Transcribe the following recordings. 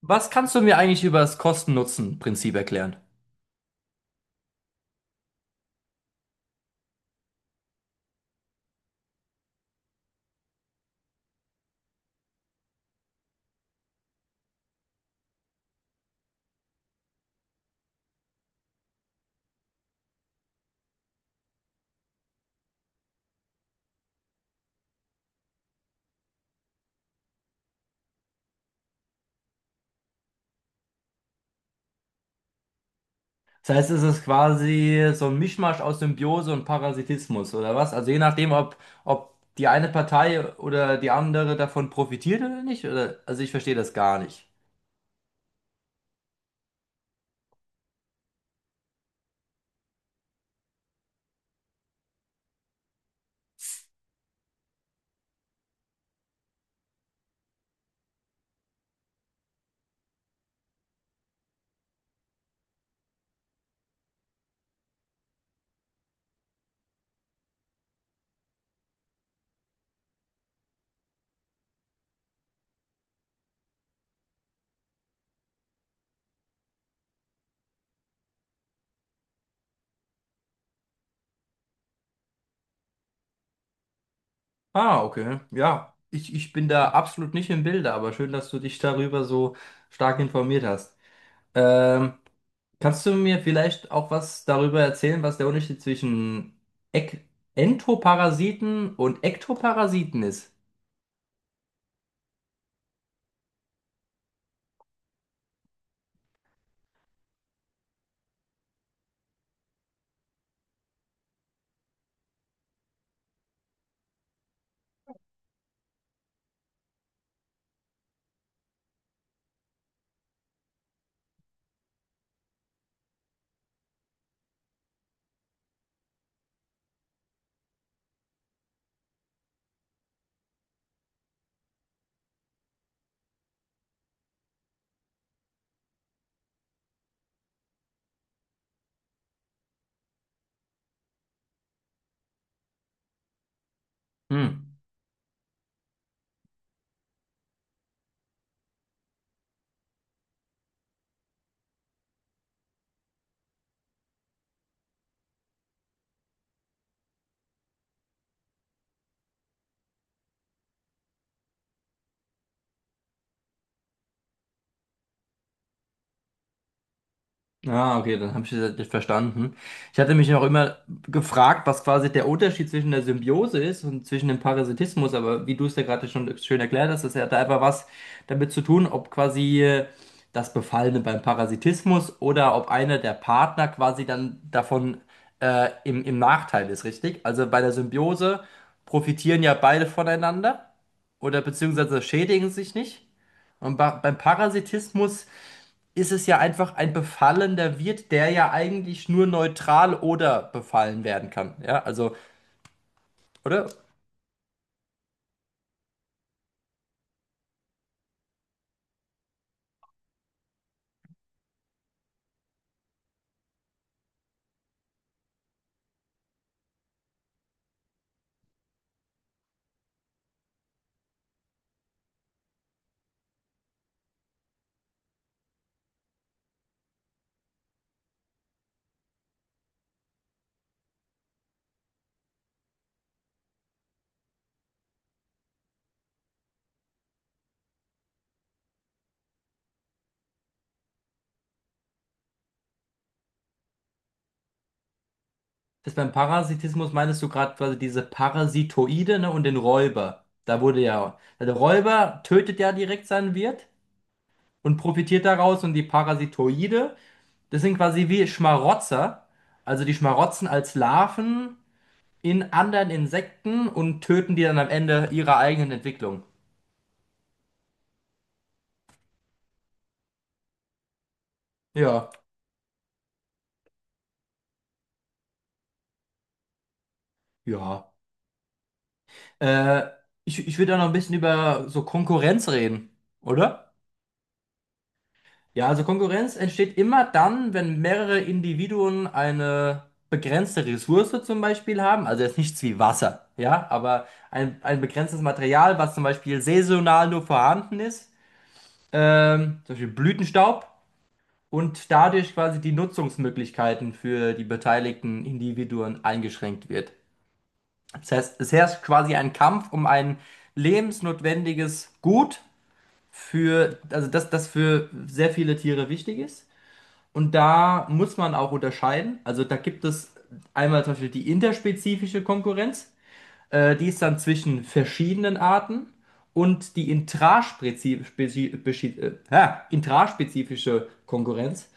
Was kannst du mir eigentlich über das Kosten-Nutzen-Prinzip erklären? Das heißt, es ist quasi so ein Mischmasch aus Symbiose und Parasitismus, oder was? Also je nachdem, ob, ob die eine Partei oder die andere davon profitiert oder nicht, oder? Also ich verstehe das gar nicht. Ah, okay. Ja, ich bin da absolut nicht im Bilde, aber schön, dass du dich darüber so stark informiert hast. Ähm, Kannst du mir vielleicht auch was darüber erzählen, was der Unterschied zwischen Ek Entoparasiten und Ektoparasiten ist? Hm. Ah, okay, dann habe ich das jetzt verstanden. Ich hatte mich auch immer gefragt, was quasi der Unterschied zwischen der Symbiose ist und zwischen dem Parasitismus, aber wie du es ja gerade schon schön erklärt hast, das hat da einfach was damit zu tun, ob quasi das Befallene beim Parasitismus oder ob einer der Partner quasi dann davon im Nachteil ist, richtig? Also bei der Symbiose profitieren ja beide voneinander oder beziehungsweise schädigen sich nicht. Und beim Parasitismus ist es ja einfach ein befallener Wirt, der ja eigentlich nur neutral oder befallen werden kann. Ja, also, oder? Das beim Parasitismus meinst du gerade quasi diese Parasitoide, ne, und den Räuber. Da wurde ja, der Räuber tötet ja direkt seinen Wirt und profitiert daraus und die Parasitoide, das sind quasi wie Schmarotzer. Also die schmarotzen als Larven in anderen Insekten und töten die dann am Ende ihrer eigenen Entwicklung. Ja, ja. Äh, ich würde da noch ein bisschen über so Konkurrenz reden, oder? Ja, also Konkurrenz entsteht immer dann, wenn mehrere Individuen eine begrenzte Ressource zum Beispiel haben, also jetzt nichts wie Wasser, ja, aber ein begrenztes Material, was zum Beispiel saisonal nur vorhanden ist, zum Beispiel Blütenstaub, und dadurch quasi die Nutzungsmöglichkeiten für die beteiligten Individuen eingeschränkt wird. Das heißt, es herrscht quasi ein Kampf um ein lebensnotwendiges Gut für, also dass das für sehr viele Tiere wichtig ist. Und da muss man auch unterscheiden. Also da gibt es einmal zum Beispiel die interspezifische Konkurrenz, die ist dann zwischen verschiedenen Arten, und die intraspezifische Konkurrenz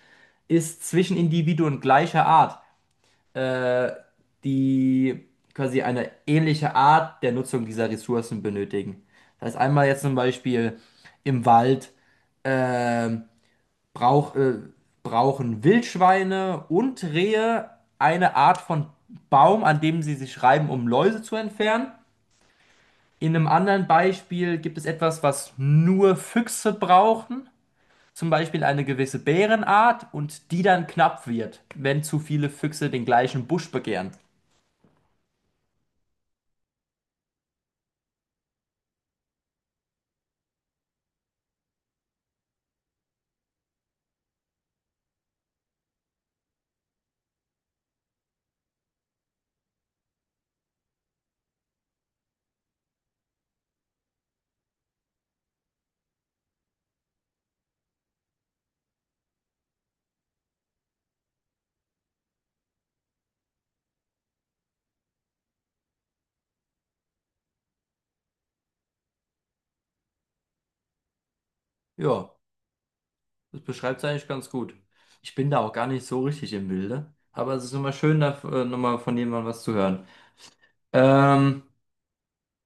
ist zwischen Individuen gleicher Art, die quasi eine ähnliche Art der Nutzung dieser Ressourcen benötigen. Das heißt einmal jetzt zum Beispiel im Wald brauch, äh, brauchen Wildschweine und Rehe eine Art von Baum, an dem sie sich reiben, um Läuse zu entfernen. In einem anderen Beispiel gibt es etwas, was nur Füchse brauchen, zum Beispiel eine gewisse Bärenart, und die dann knapp wird, wenn zu viele Füchse den gleichen Busch begehren. Ja, das beschreibt es eigentlich ganz gut. Ich bin da auch gar nicht so richtig im Bilde, aber es ist immer schön, da nochmal von jemandem was zu hören. Ähm,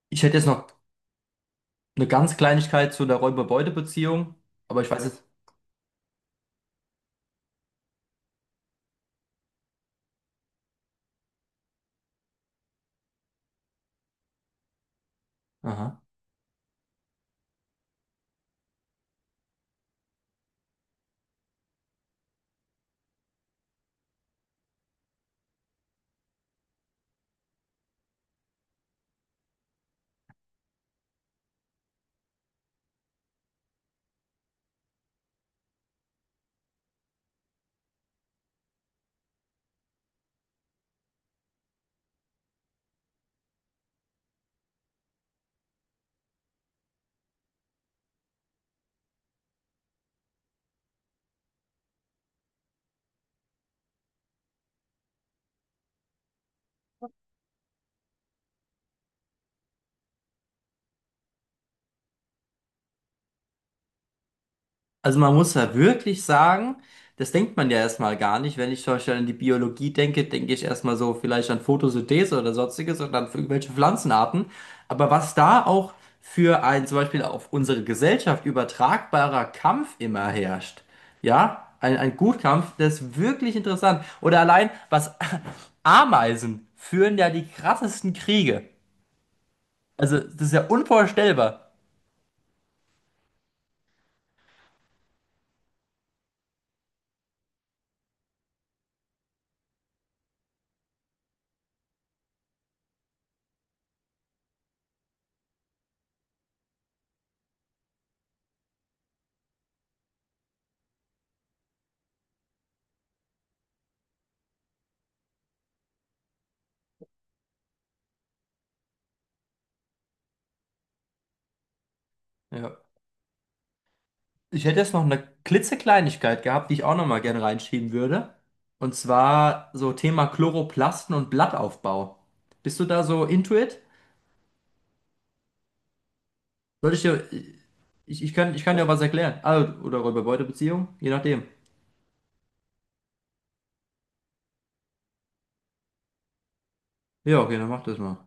ich hätte jetzt noch eine ganz Kleinigkeit zu der Räuber-Beute-Beziehung, aber ich weiß jetzt. Aha. Also man muss ja wirklich sagen, das denkt man ja erstmal gar nicht. Wenn ich zum Beispiel an die Biologie denke, denke ich erstmal so vielleicht an Photosynthese oder sonstiges und dann für irgendwelche Pflanzenarten. Aber was da auch für ein zum Beispiel auf unsere Gesellschaft übertragbarer Kampf immer herrscht, ja, ein Gutkampf, das ist wirklich interessant. Oder allein, was Ameisen führen ja die krassesten Kriege. Also das ist ja unvorstellbar. Ja. Ich hätte jetzt noch eine klitzekleinigkeit gehabt, die ich auch noch mal gerne reinschieben würde. Und zwar so Thema Chloroplasten und Blattaufbau. Bist du da so into it? Soll ich dir, ich kann, ich kann dir was erklären. Also, oder Räuber-Beute-Beziehung, je nachdem. Ja, okay, dann mach das mal.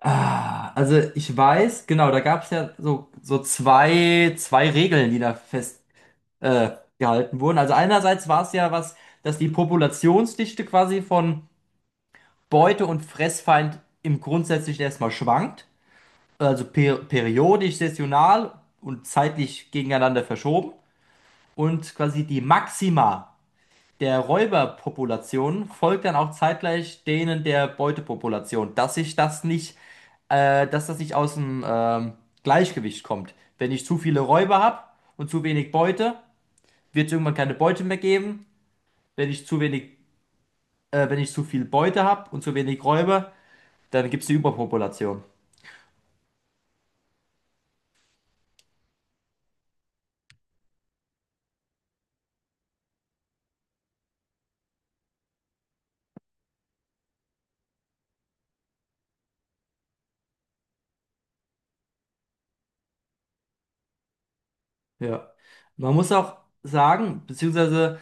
Ah, also ich weiß, genau, da gab es ja so, so zwei Regeln, die da festgehalten äh, gehalten wurden. Also einerseits war es ja was, dass die Populationsdichte quasi von Beute- und Fressfeind im grundsätzlich erstmal schwankt, also periodisch, saisonal und zeitlich gegeneinander verschoben. Und quasi die Maxima der Räuberpopulation folgt dann auch zeitgleich denen der Beutepopulation, dass sich dass das nicht aus dem Gleichgewicht kommt. Wenn ich zu viele Räuber habe und zu wenig Beute, wird es irgendwann keine Beute mehr geben. Wenn ich zu wenig, wenn ich zu viel Beute habe und zu wenig Räuber, dann gibt es eine Überpopulation. Ja, man muss auch sagen, beziehungsweise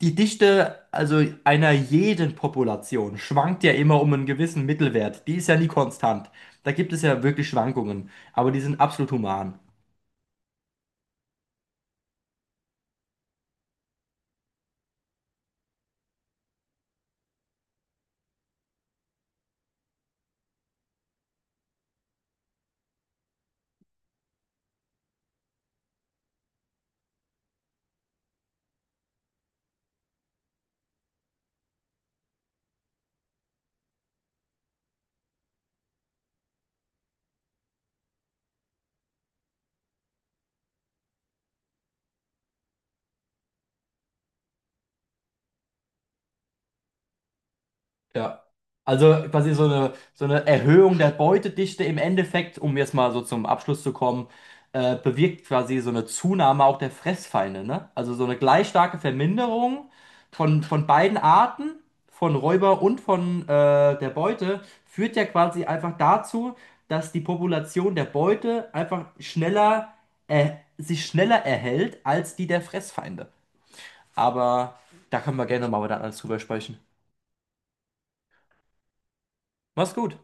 die Dichte, also einer jeden Population, schwankt ja immer um einen gewissen Mittelwert. Die ist ja nie konstant. Da gibt es ja wirklich Schwankungen, aber die sind absolut human. Ja. Also quasi so eine Erhöhung der Beutedichte im Endeffekt, um jetzt mal so zum Abschluss zu kommen, bewirkt quasi so eine Zunahme auch der Fressfeinde, ne? Also so eine gleich starke Verminderung von beiden Arten, von Räuber und von der Beute, führt ja quasi einfach dazu, dass die Population der Beute einfach sich schneller erhält als die der Fressfeinde. Aber da können wir gerne mal wieder alles drüber sprechen. Mach's gut!